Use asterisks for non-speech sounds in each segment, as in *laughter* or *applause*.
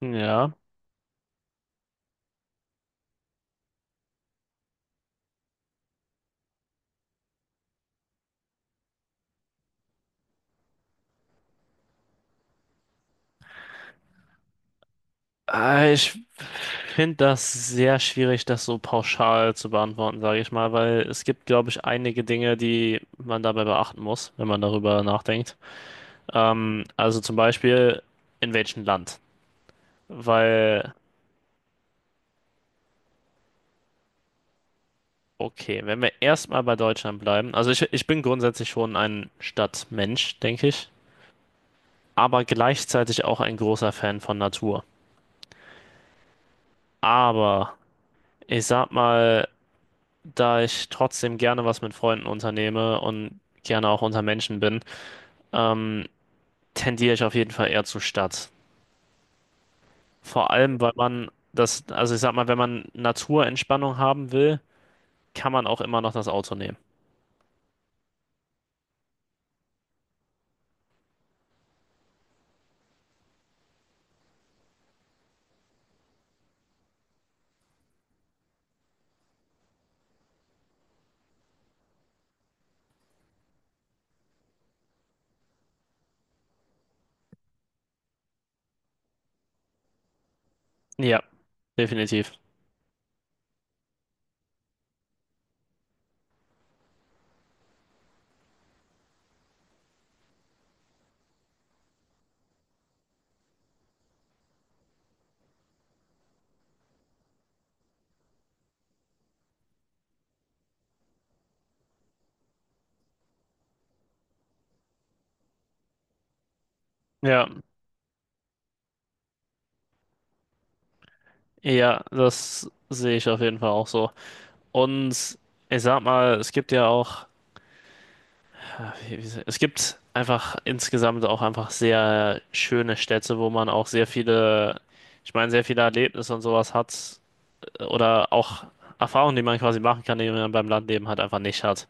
Ja. Ich finde das sehr schwierig, das so pauschal zu beantworten, sage ich mal, weil es gibt, glaube ich, einige Dinge, die man dabei beachten muss, wenn man darüber nachdenkt. Also zum Beispiel, in welchem Land? Weil, okay, wenn wir erstmal bei Deutschland bleiben, also ich bin grundsätzlich schon ein Stadtmensch, denke ich, aber gleichzeitig auch ein großer Fan von Natur. Aber ich sag mal, da ich trotzdem gerne was mit Freunden unternehme und gerne auch unter Menschen bin, ähm, tendiere ich auf jeden Fall eher zur Stadt. Vor allem, weil man das, also ich sag mal, wenn man Naturentspannung haben will, kann man auch immer noch das Auto nehmen. Ja, definitiv. Ja, ja, das sehe ich auf jeden Fall auch so. Und ich sag mal, es gibt ja auch ja, es gibt einfach insgesamt auch einfach sehr schöne Städte, wo man auch sehr viele, ich meine, sehr viele Erlebnisse und sowas hat oder auch Erfahrungen, die man quasi machen kann, die man beim Landleben halt einfach nicht hat.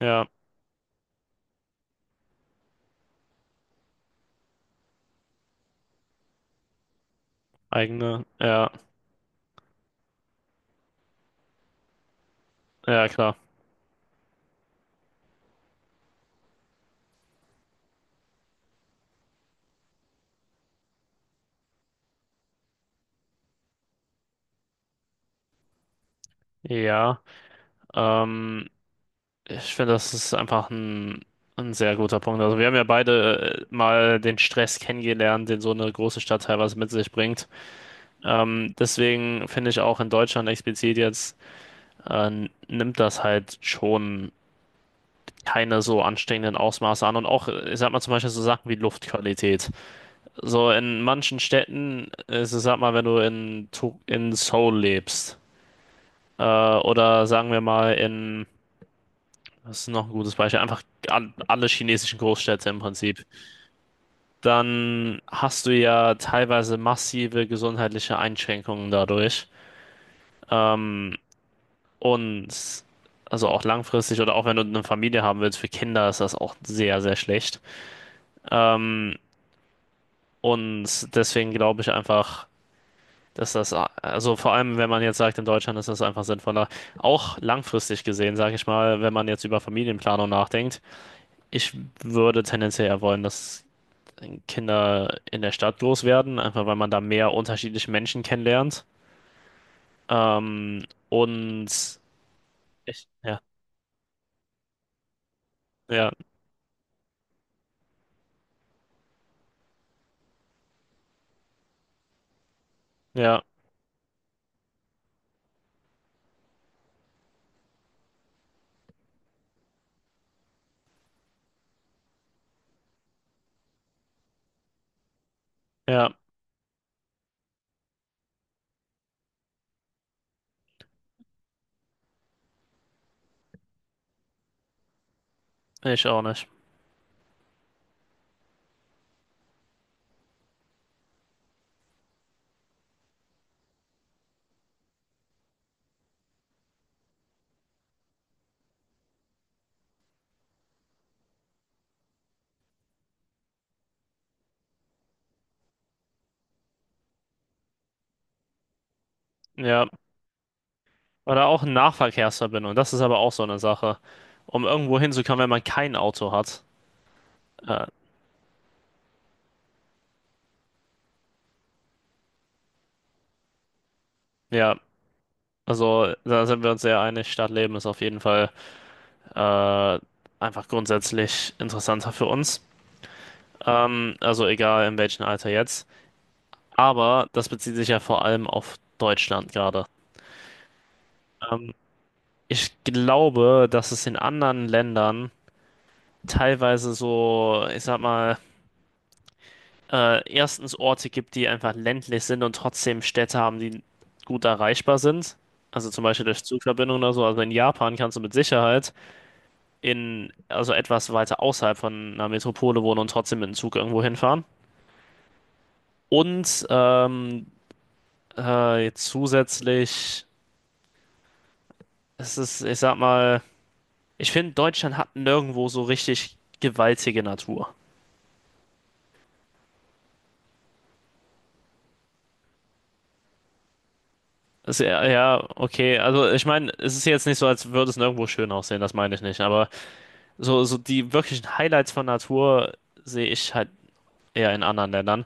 Ja, eigene, ja, ja, klar. Ja, ähm, ich finde, das ist einfach ein sehr guter Punkt. Also wir haben ja beide mal den Stress kennengelernt, den so eine große Stadt teilweise mit sich bringt. Deswegen finde ich auch in Deutschland explizit jetzt nimmt das halt schon keine so ansteckenden Ausmaße an. Und auch, ich sag mal zum Beispiel so Sachen wie Luftqualität. So in manchen Städten ist es, sag mal, wenn du in, in Seoul lebst, oder sagen wir mal in, das ist noch ein gutes Beispiel, einfach alle chinesischen Großstädte im Prinzip, dann hast du ja teilweise massive gesundheitliche Einschränkungen dadurch. Ähm, Und also auch langfristig oder auch wenn du eine Familie haben willst, für Kinder ist das auch sehr, sehr schlecht. Ähm, und deswegen glaube ich einfach, dass das, also vor allem wenn man jetzt sagt, in Deutschland ist das einfach sinnvoller, auch langfristig gesehen, sage ich mal, wenn man jetzt über Familienplanung nachdenkt, ich würde tendenziell eher wollen, dass Kinder in der Stadt groß werden, einfach weil man da mehr unterschiedliche Menschen kennenlernt. Ähm, und ja, ja, ja, ja, ich auch nicht. Ja, oder auch eine Nahverkehrsverbindung. Das ist aber auch so eine Sache. Um irgendwo hinzukommen, wenn man kein Auto hat. Äh, ja, also da sind wir uns sehr einig. Stadtleben ist auf jeden Fall äh, einfach grundsätzlich interessanter für uns. Also egal in welchem Alter jetzt. Aber das bezieht sich ja vor allem auf Deutschland gerade. Ähm, Ich glaube, dass es in anderen Ländern teilweise so, ich sag mal, erstens Orte gibt, die einfach ländlich sind und trotzdem Städte haben, die gut erreichbar sind. Also zum Beispiel durch Zugverbindungen oder so. Also in Japan kannst du mit Sicherheit in, also etwas weiter außerhalb von einer Metropole wohnen und trotzdem mit dem Zug irgendwo hinfahren. Und zusätzlich, es ist, ich sag mal, ich finde, Deutschland hat nirgendwo so richtig gewaltige Natur. Ist ja, ja, okay. Also ich meine, es ist jetzt nicht so, als würde es nirgendwo schön aussehen, das meine ich nicht, aber. So, so die wirklichen Highlights von Natur sehe ich halt eher in anderen Ländern.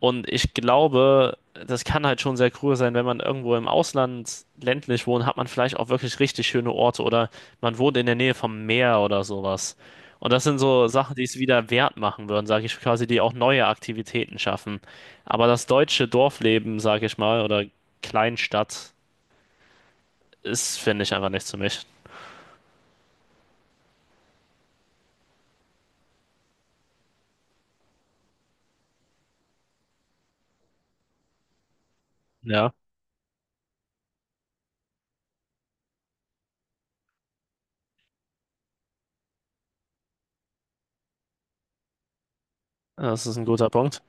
Und ich glaube, das kann halt schon sehr cool sein, wenn man irgendwo im Ausland ländlich wohnt, hat man vielleicht auch wirklich richtig schöne Orte oder man wohnt in der Nähe vom Meer oder sowas. Und das sind so Sachen, die es wieder wert machen würden, sage ich quasi, die auch neue Aktivitäten schaffen. Aber das deutsche Dorfleben, sage ich mal, oder Kleinstadt ist, finde ich, einfach nichts für mich. Ja, das ist ein guter Punkt.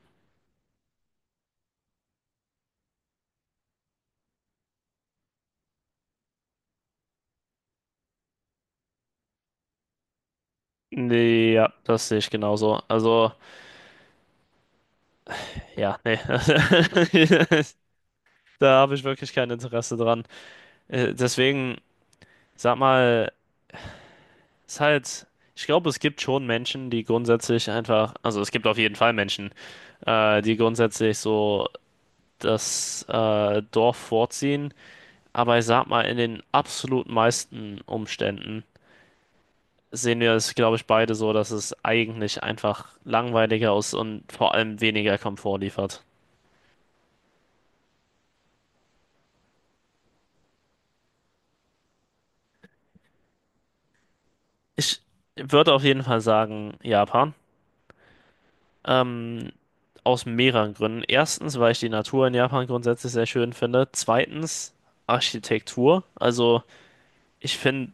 Nee, ja, das sehe ich genauso. Also, ja, nee. *laughs* Da habe ich wirklich kein Interesse dran. Deswegen, sag mal, ist halt, ich glaube, es gibt schon Menschen, die grundsätzlich einfach, also es gibt auf jeden Fall Menschen, die grundsätzlich so das Dorf vorziehen. Aber ich sag mal, in den absolut meisten Umständen sehen wir es, glaube ich, beide so, dass es eigentlich einfach langweiliger ist und vor allem weniger Komfort liefert. Ich würde auf jeden Fall sagen, Japan. Ähm, Aus mehreren Gründen. Erstens, weil ich die Natur in Japan grundsätzlich sehr schön finde. Zweitens, Architektur. Also, ich finde,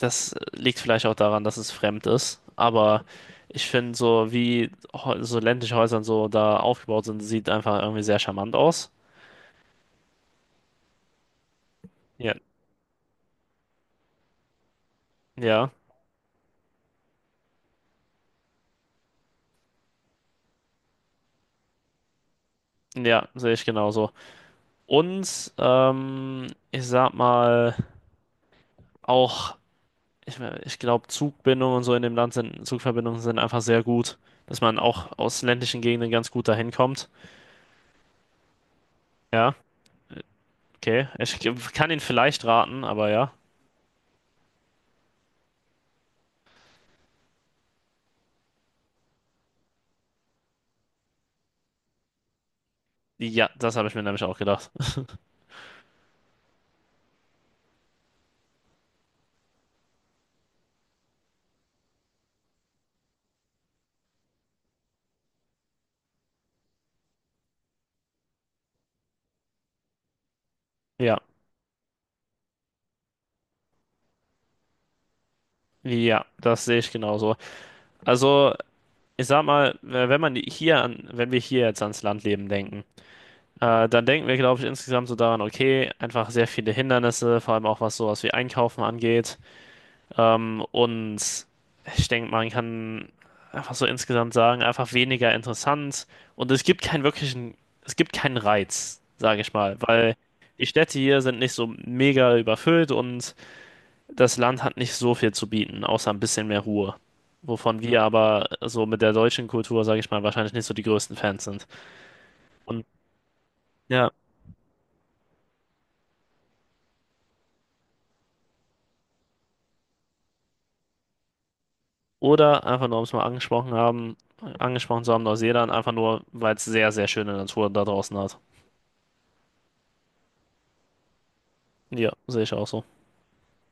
das liegt vielleicht auch daran, dass es fremd ist. Aber ich finde, so wie so ländliche Häuser und so da aufgebaut sind, sieht einfach irgendwie sehr charmant aus. Ja, ja, ja, sehe ich genauso. Und ich sag mal, auch. Ich glaube, Zugbindungen und so in dem Land sind, Zugverbindungen sind einfach sehr gut, dass man auch aus ländlichen Gegenden ganz gut dahin kommt. Ja, okay. Kann ihn vielleicht raten, aber ja. Ja, das habe ich mir nämlich auch gedacht. Ja, ja, das sehe ich genauso. Also, ich sag mal, wenn man hier an, wenn wir hier jetzt ans Landleben denken, dann denken wir, glaube ich, insgesamt so daran, okay, einfach sehr viele Hindernisse, vor allem auch was sowas wie Einkaufen angeht. Und ich denke, man kann einfach so insgesamt sagen, einfach weniger interessant. Und es gibt keinen wirklichen, es gibt keinen Reiz, sage ich mal, weil die Städte hier sind nicht so mega überfüllt und das Land hat nicht so viel zu bieten, außer ein bisschen mehr Ruhe. Wovon wir aber so mit der deutschen Kultur, sage ich mal, wahrscheinlich nicht so die größten Fans sind. Und ja, oder einfach nur, um es mal angesprochen haben, angesprochen zu haben, Neuseeland, einfach nur, weil es sehr, sehr schöne Natur da draußen hat. Ja, sehe ich auch so.